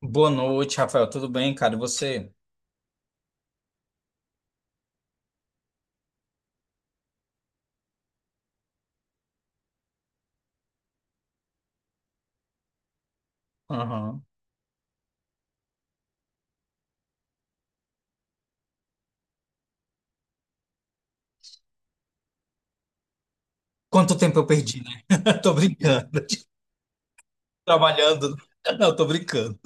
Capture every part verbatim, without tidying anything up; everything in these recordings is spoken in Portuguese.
Boa noite, Rafael. Tudo bem, cara? E você? Aham. Quanto tempo eu perdi, né? Tô brincando. Trabalhando. Não, tô brincando.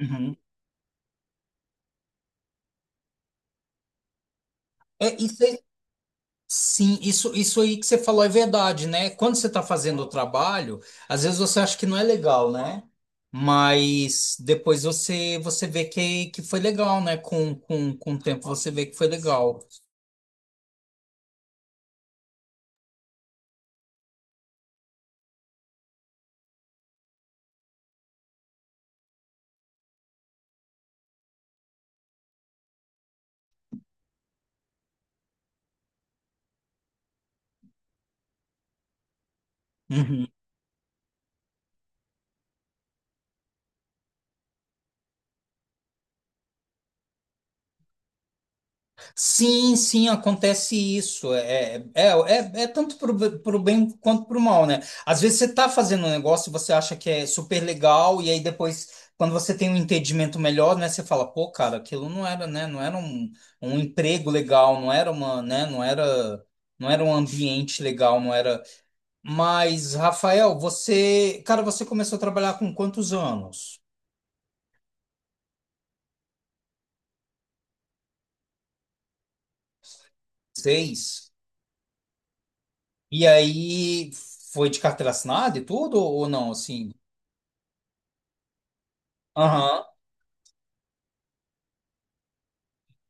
Uhum. É, isso aí- sim, isso, isso aí que você falou é verdade, né? Quando você tá fazendo o trabalho, às vezes você acha que não é legal, né? Mas depois você você vê que, que foi legal, né? Com, com, com o tempo você vê que foi legal. Uhum. Sim, sim, acontece isso. É, é, é, é é tanto para o bem quanto para o mal, né? Às vezes você está fazendo um negócio e você acha que é super legal, e aí depois, quando você tem um entendimento melhor, né, você fala, pô, cara, aquilo não era, né? Não era um, um emprego legal, não era uma, né? Não era, não era um ambiente legal, não era. Mas, Rafael, você, cara, você começou a trabalhar com quantos anos? Seis. E aí foi de carteira assinada e tudo, ou não, assim? Aham.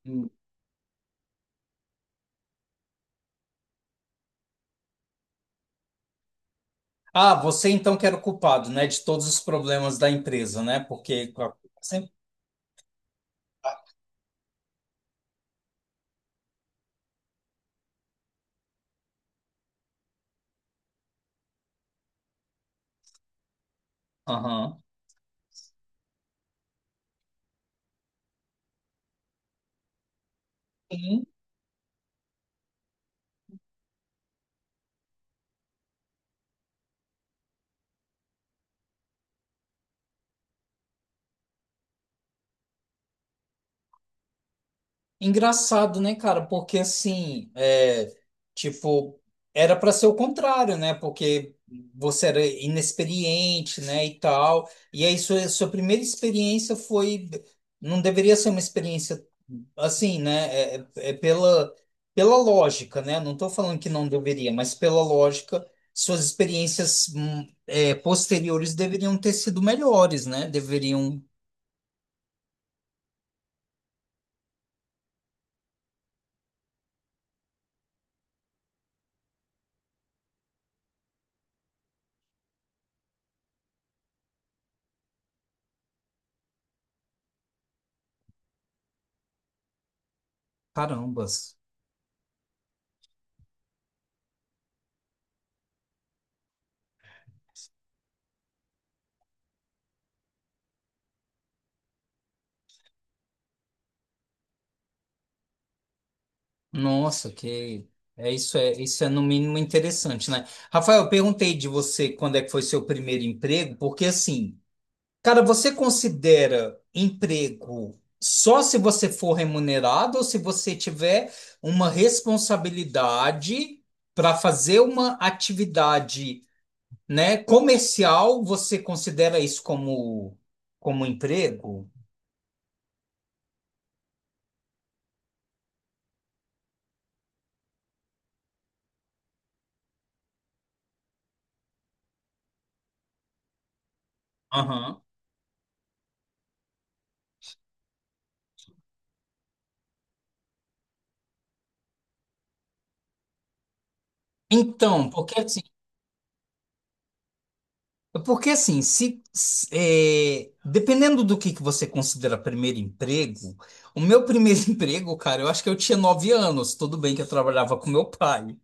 Hum. Ah, você então que era o culpado, né, de todos os problemas da empresa, né? Porque sempre. Aham. Engraçado, né, cara? Porque assim, é, tipo, era para ser o contrário, né? Porque você era inexperiente, né, e tal. E aí sua, sua primeira experiência foi, não deveria ser uma experiência assim, né? É, é é pela pela lógica, né? Não tô falando que não deveria, mas pela lógica, suas experiências hum, é, posteriores deveriam ter sido melhores, né? Deveriam, carambas. Nossa, que é isso é isso é no mínimo interessante, né? Rafael, eu perguntei de você quando é que foi seu primeiro emprego, porque assim, cara, você considera emprego só se você for remunerado ou se você tiver uma responsabilidade para fazer uma atividade, né, comercial, você considera isso como como emprego? Aham. Então, porque assim. Porque assim, se, se- é, dependendo do que, que você considera primeiro emprego, o meu primeiro emprego, cara, eu acho que eu tinha nove anos. Tudo bem que eu trabalhava com meu pai.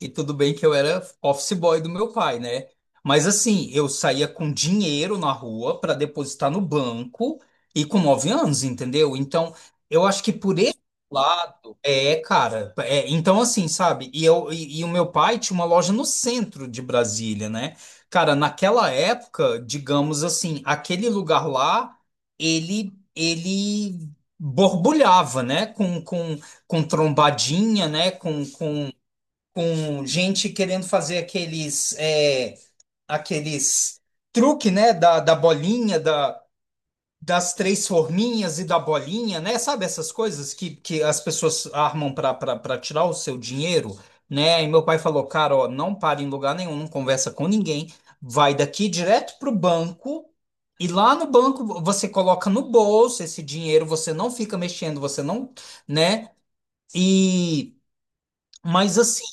E tudo bem que eu era office boy do meu pai, né? Mas assim, eu saía com dinheiro na rua para depositar no banco e com nove anos, entendeu? Então, eu acho que por esse lado, é, cara. É, então, assim, sabe? E, eu, e, e o meu pai tinha uma loja no centro de Brasília, né? Cara, naquela época, digamos assim, aquele lugar lá, ele, ele borbulhava, né? Com, com, com trombadinha, né? Com, com com gente querendo fazer aqueles é, aqueles truque, né, da, da bolinha, da, das três forminhas e da bolinha, né? Sabe essas coisas que, que as pessoas armam para tirar o seu dinheiro, né? E meu pai falou, cara, ó, não para em lugar nenhum, não conversa com ninguém, vai daqui direto pro banco. E lá no banco você coloca no bolso esse dinheiro, você não fica mexendo, você não, né? E mas assim,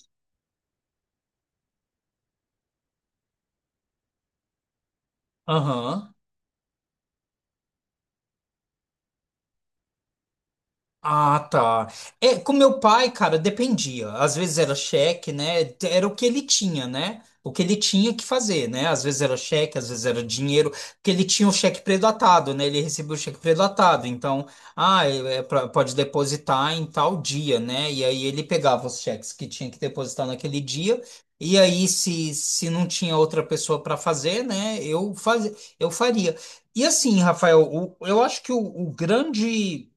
aham. Ah, tá. É, com meu pai, cara, dependia. Às vezes era cheque, né? Era o que ele tinha, né? O que ele tinha que fazer, né? Às vezes era cheque, às vezes era dinheiro, porque ele tinha o cheque pré-datado, né? Ele recebeu o cheque pré-datado. Então, ah, é é pra- pode depositar em tal dia, né? E aí ele pegava os cheques que tinha que depositar naquele dia. E aí, se, se não tinha outra pessoa para fazer, né? Eu faz, eu faria. E assim, Rafael, o- eu acho que o o grande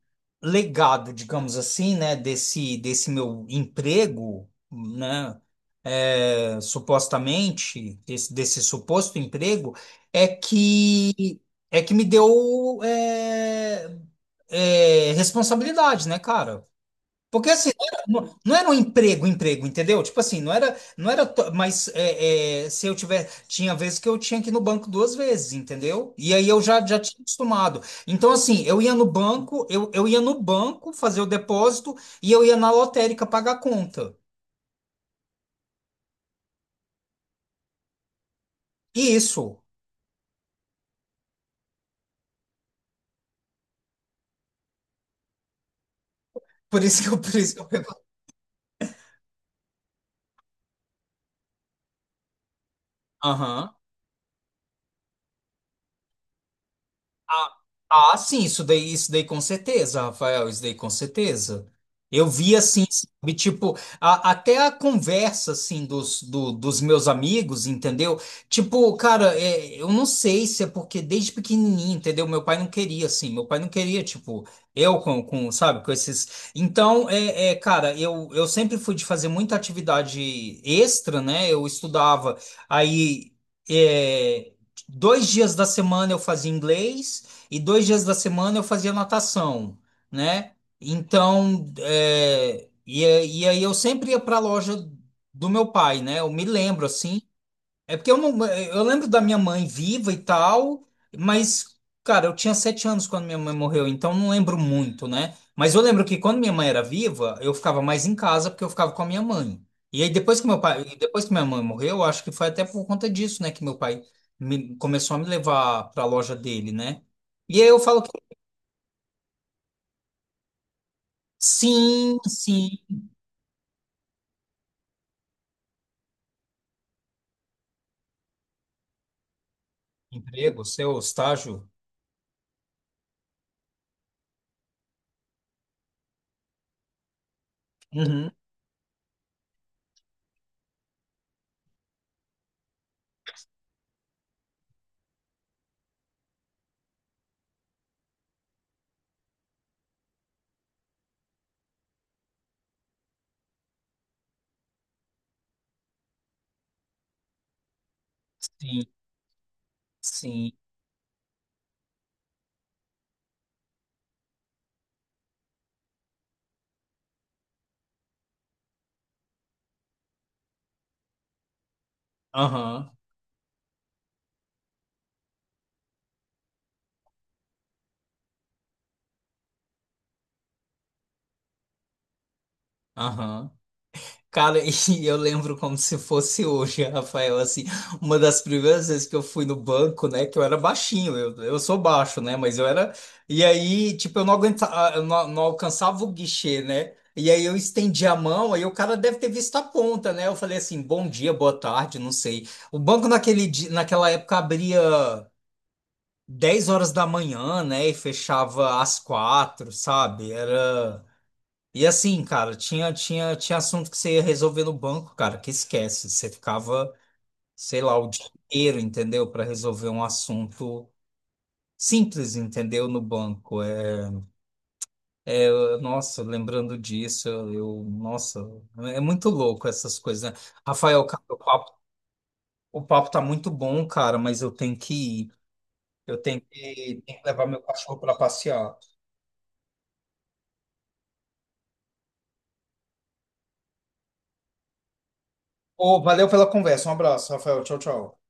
legado, digamos assim, né, desse, desse meu emprego, né, é, supostamente, desse, desse suposto emprego, é que é que me deu é, é, responsabilidade, né, cara? Porque assim, não era, não- não era um emprego, emprego, entendeu? Tipo assim, não era, não era, to- mas é, é, se eu tiver, tinha vezes que eu tinha que ir no banco duas vezes, entendeu? E aí eu já, já tinha acostumado. Então assim, eu ia no banco, eu, eu ia no banco fazer o depósito e eu ia na lotérica pagar a conta. Isso. Por isso que eu, por isso que eu... perguntei. Ah, ah, sim, isso daí, isso daí com certeza, Rafael, isso daí com certeza. Eu vi assim, sabe, tipo, a- até a conversa, assim, dos, do- dos meus amigos, entendeu? Tipo, cara, é, eu não sei se é porque desde pequenininho, entendeu? Meu pai não queria, assim, meu pai não queria, tipo, eu com, com, sabe, com esses... Então, é, é, cara, eu, eu sempre fui de fazer muita atividade extra, né? Eu estudava, aí... é, dois dias da semana eu fazia inglês, e dois dias da semana eu fazia natação, né? Então, é, e, a- e aí eu sempre ia para a loja do meu pai, né? Eu me lembro assim. É porque eu não, eu lembro da minha mãe viva e tal, mas, cara, eu tinha sete anos quando minha mãe morreu, então não lembro muito, né? Mas eu lembro que quando minha mãe era viva, eu ficava mais em casa porque eu ficava com a minha mãe. E aí depois que meu pai, e depois que minha mãe morreu, eu acho que foi até por conta disso, né, que meu pai me- começou a me levar para a loja dele, né? E aí eu falo que sim, sim, emprego, seu estágio. Uhum. Sim, sim, aham, aham. Cara, e eu lembro como se fosse hoje, Rafael, assim, uma das primeiras vezes que eu fui no banco, né, que eu era baixinho, eu, eu sou baixo, né, mas eu era, e aí, tipo, eu não aguentava, eu não, não alcançava o guichê, né, e aí eu estendi a mão, aí o cara deve ter visto a ponta, né, eu falei assim, bom dia, boa tarde, não sei. O banco naquele dia, naquela época abria dez horas da manhã, né, e fechava às quatro, sabe, era... E assim, cara, tinha, tinha, tinha assunto que você ia resolver no banco, cara, que esquece. Você ficava, sei lá, o dia inteiro, entendeu? Para resolver um assunto simples, entendeu? No banco. É, nossa, lembrando disso, eu, eu- nossa, é muito louco essas coisas, né? Rafael, cara, o papo, o papo tá muito bom, cara, mas eu tenho que ir. Eu tenho que, tenho que levar meu cachorro para passear. Ô, valeu pela conversa. Um abraço, Rafael. Tchau, tchau.